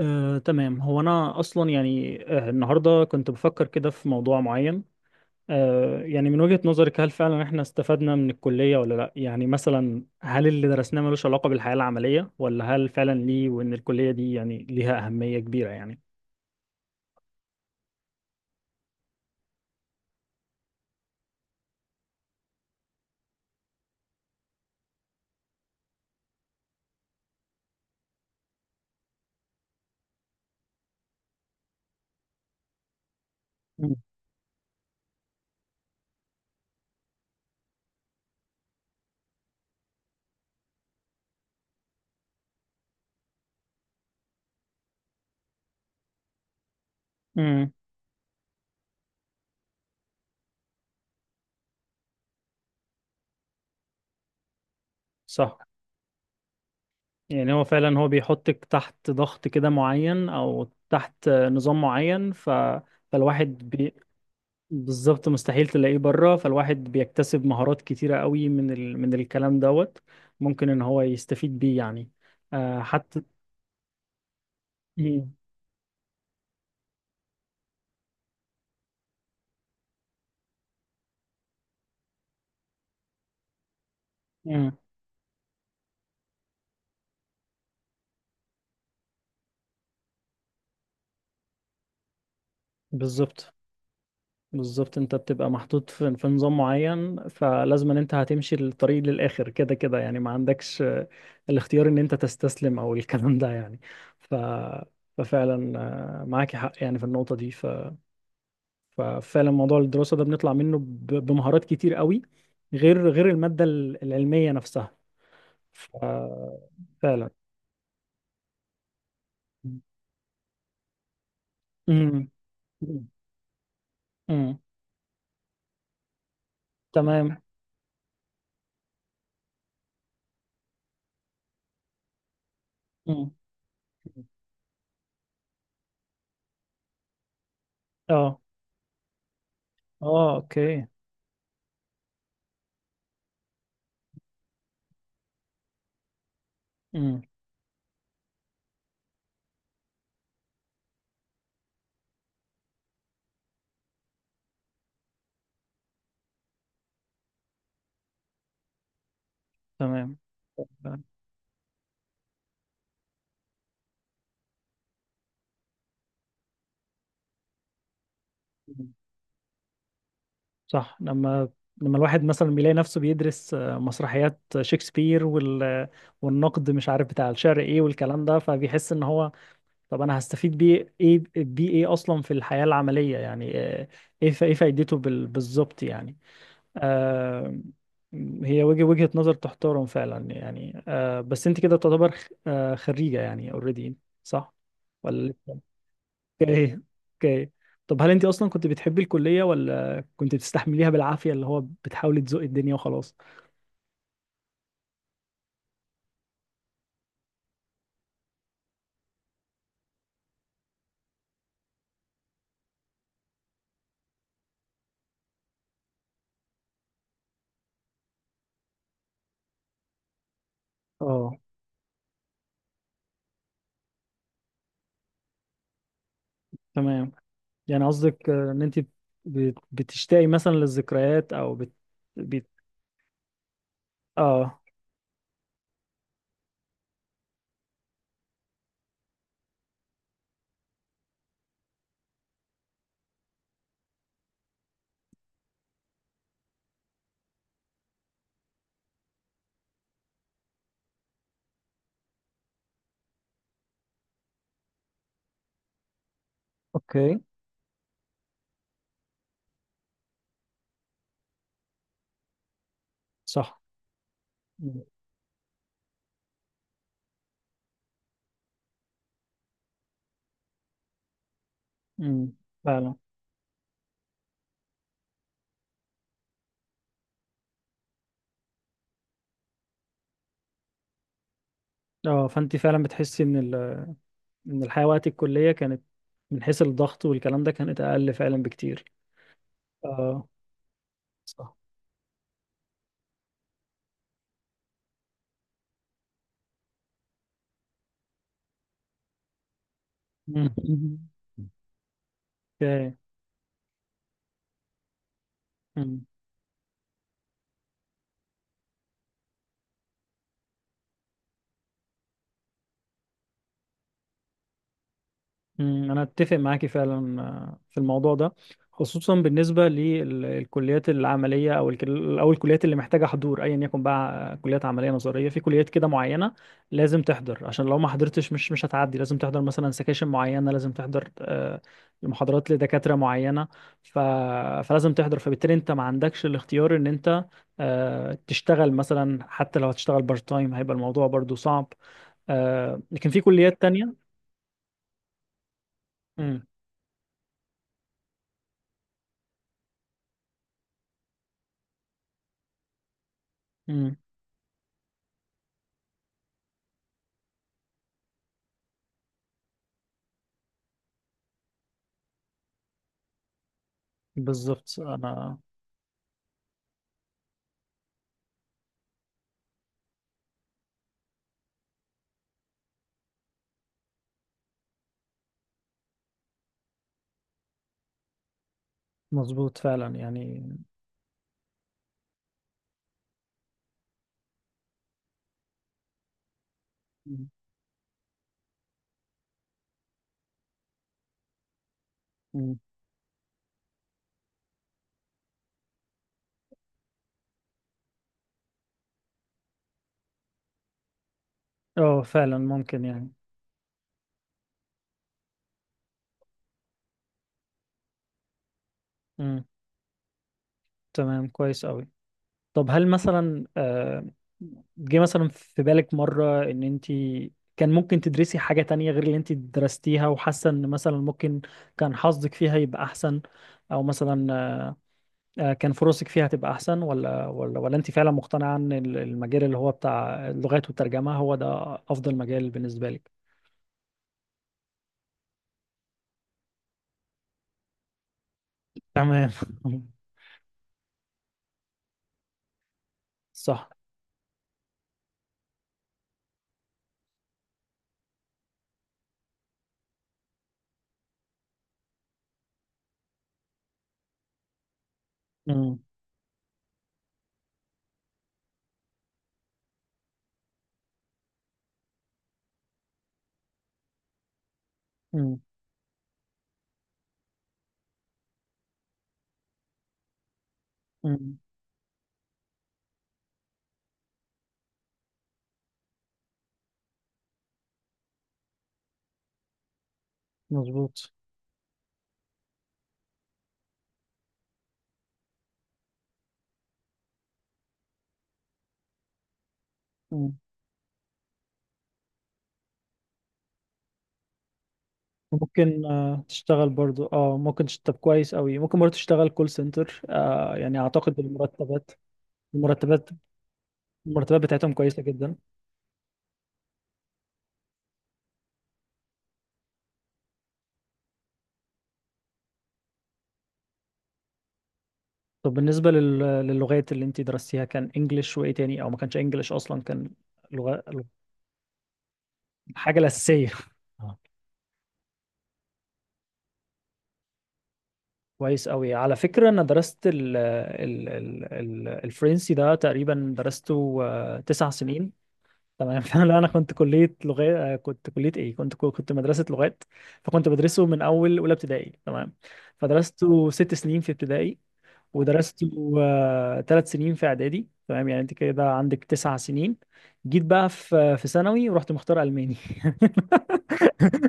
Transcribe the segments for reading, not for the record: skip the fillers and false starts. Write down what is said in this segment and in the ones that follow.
تمام، هو انا اصلا يعني النهارده كنت بفكر كده في موضوع معين. يعني من وجهة نظرك، هل فعلا احنا استفدنا من الكلية ولا لا؟ يعني مثلا هل اللي درسناه ملوش علاقة بالحياة العملية، ولا هل فعلا ليه، وان الكلية دي يعني ليها أهمية كبيرة يعني؟ مم. امم. صح. يعني هو فعلا هو بيحطك تحت ضغط كده معين، او تحت نظام معين. فالواحد بالظبط مستحيل تلاقيه بره. فالواحد بيكتسب مهارات كتيرة قوي من الكلام دوت. ممكن ان هو يستفيد بيه يعني. حتى. مم. مم. بالظبط. بالظبط. انت بتبقى محطوط في نظام معين، فلازم ان انت هتمشي الطريق للآخر، كده كده يعني. ما عندكش الاختيار ان انت تستسلم، او الكلام ده يعني. ف... ففعلا. معاكي حق يعني في النقطة دي. ففعلا موضوع الدراسة ده بنطلع منه بمهارات كتير قوي، غير المادة العلمية نفسها. ف- فعلا. امم. امم. تمام. امم. اه. اه. اوكي. امم. تمام. مم. صح. لما الواحد مثلا بيلاقي نفسه بيدرس مسرحيات شكسبير، والنقد، مش عارف بتاع الشعر ايه والكلام ده، فبيحس ان هو طب انا هستفيد بيه ايه اصلا في الحياة العملية يعني، ايه فايدته بالظبط يعني. آه، هي وجهة نظر تحترم فعلا يعني. بس انت كده تعتبر خريجة يعني اوريدي؟ صح. ولا لسه؟ اوكي. اوكي. طب هل انت اصلا كنت بتحبي الكلية، ولا كنت بتستحمليها بالعافية، اللي هو بتحاولي تزوقي الدنيا وخلاص؟ اه. تمام. يعني قصدك ان انت بتشتاقي مثلا للذكريات، او بت... اه. اوكي. صح. مم. مم. فعلا. اه، فانت فعلا بتحسي ان الحياه وقت الكليه كانت، من حيث الضغط والكلام ده، كانت اقل فعلا بكتير. اه. صح. مم. اوكي. مم، أنا أتفق معاكي فعلا في الموضوع ده. خصوصا بالنسبة للكليات العملية، أو الكليات اللي محتاجة حضور، أيا يكن بقى. كليات عملية نظرية، في كليات كده معينة. لازم تحضر، عشان لو ما حضرتش مش هتعدي. لازم تحضر مثلا سكاشن معينة، لازم تحضر محاضرات لدكاترة معينة. ف... فلازم تحضر، فبالتالي أنت ما عندكش الاختيار إن أنت تشتغل مثلا. حتى لو هتشتغل بارت تايم هيبقى الموضوع برضو صعب. لكن في كليات تانية. مم. مم. بالظبط. انا مظبوط فعلا يعني. مم. مم. اه، فعلا ممكن يعني. مم. تمام. كويس قوي. طب هل مثلا جه مثلا في بالك مرة ان انت كان ممكن تدرسي حاجة تانية، غير اللي انت درستيها، وحاسة ان مثلا ممكن كان حظك فيها يبقى احسن؟ او مثلا كان فرصك فيها تبقى احسن؟ ولا انت فعلا مقتنعة ان المجال اللي هو بتاع اللغات والترجمة هو ده افضل مجال بالنسبة لك؟ تمام. صح. مم. مم. مظبوط. مم. ممكن تشتغل برضو. اه، ممكن تشتغل كويس قوي. ممكن برضو تشتغل كول سنتر. يعني اعتقد المرتبات المرتبات بتاعتهم كويسة جدا. طب بالنسبة للغات اللي انت درستيها، كان انجلش وايه تاني؟ او ما كانش انجلش اصلا، كان لغة لغة- الحاجة الأساسية. آه. كويس قوي. على فكرة، انا درست الفرنسي ده، تقريبا درسته 9 سنين. تمام. فانا كنت كليه لغات، كنت كليه ايه، كنت مدرسه لغات. فكنت بدرسه من اول اولى ابتدائي. تمام. فدرسته 6 سنين في ابتدائي. ودرسته 3 سنين في اعدادي. تمام، يعني انت كده عندك 9 سنين. جيت بقى في ثانوي ورحت مختار الماني.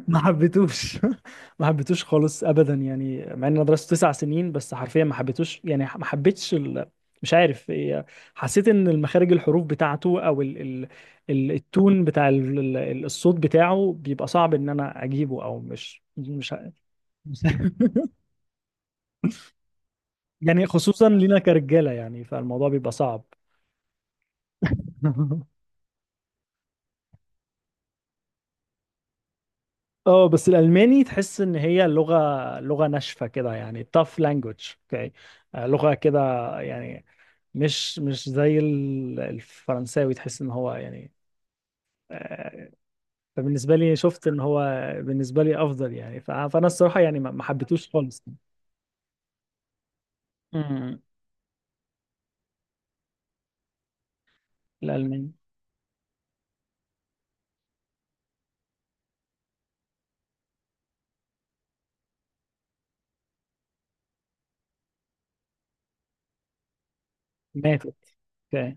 ما حبيتوش. ما حبيتوش خالص ابدا يعني، مع ان انا درست 9 سنين. بس حرفيا ما حبيتوش يعني، ما حبيتش ال... مش عارف إيه، حسيت ان المخارج الحروف بتاعته، او التون بتاع الصوت بتاعه بيبقى صعب ان انا اجيبه. او مش مش ه- مش ه- يعني خصوصا لينا كرجاله، يعني فالموضوع بيبقى صعب. اه، بس الالماني تحس ان هي لغه ناشفه كده يعني، tough language. اوكي، لغه كده يعني. مش زي الفرنساوي، تحس ان هو يعني آه، فبالنسبه لي شفت ان هو بالنسبه لي افضل يعني. فانا الصراحه يعني ما حبيتوش خالص. امم. الالماني. ماتت. اوكي.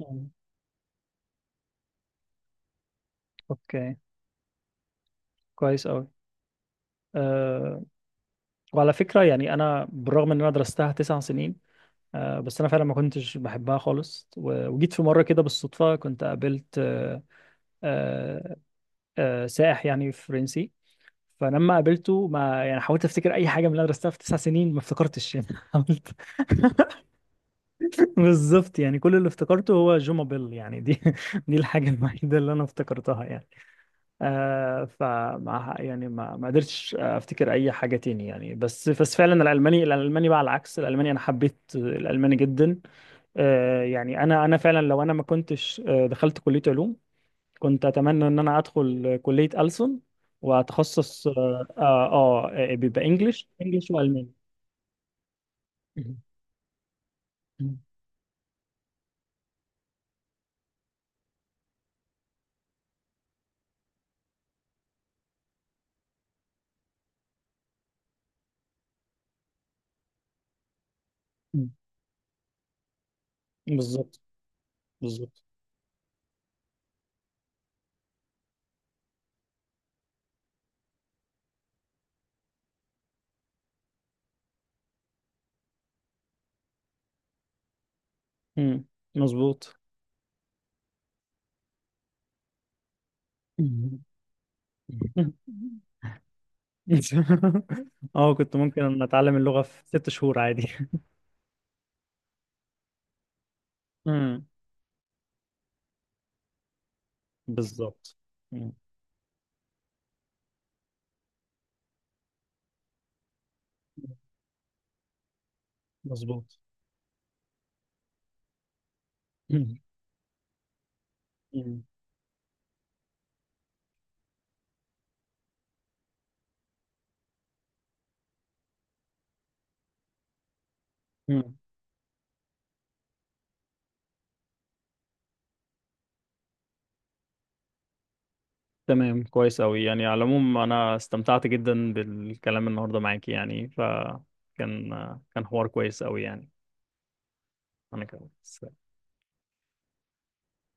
مم. اوكي. كويس قوي. أه. وعلى فكره، يعني انا بالرغم ان انا درستها تسع سنين، أه بس انا فعلا ما كنتش بحبها خالص. وجيت في مره كده بالصدفه، كنت قابلت أه أه أه سائح يعني فرنسي. فلما قابلته، ما يعني حاولت افتكر اي حاجه من اللي انا درستها في 9 سنين، ما افتكرتش يعني. حاولت. بالظبط، يعني كل اللي افتكرته هو جوما بيل يعني دي. دي الحاجه الوحيده اللي انا افتكرتها يعني. فما يعني ما قدرتش افتكر اي حاجه تاني يعني، بس فعلا الالماني بقى، على العكس، الالماني انا حبيت الالماني جدا. يعني انا فعلا لو انا ما كنتش دخلت كليه علوم، كنت اتمنى ان انا ادخل كليه ألسن، واتخصص بيبقى انجلش والماني. مهم. مهم. مهم. بالظبط. بالظبط. مم. مظبوط. مهم. مهم. اه، كنت ممكن ان اتعلم اللغه في 6 شهور عادي. مم. بالظبط. مم. مظبوط. مم. مم. تمام، كويس أوي يعني. على العموم أنا استمتعت جدا بالكلام النهاردة معاكي يعني، فكان حوار كويس أوي يعني. أنا كمان.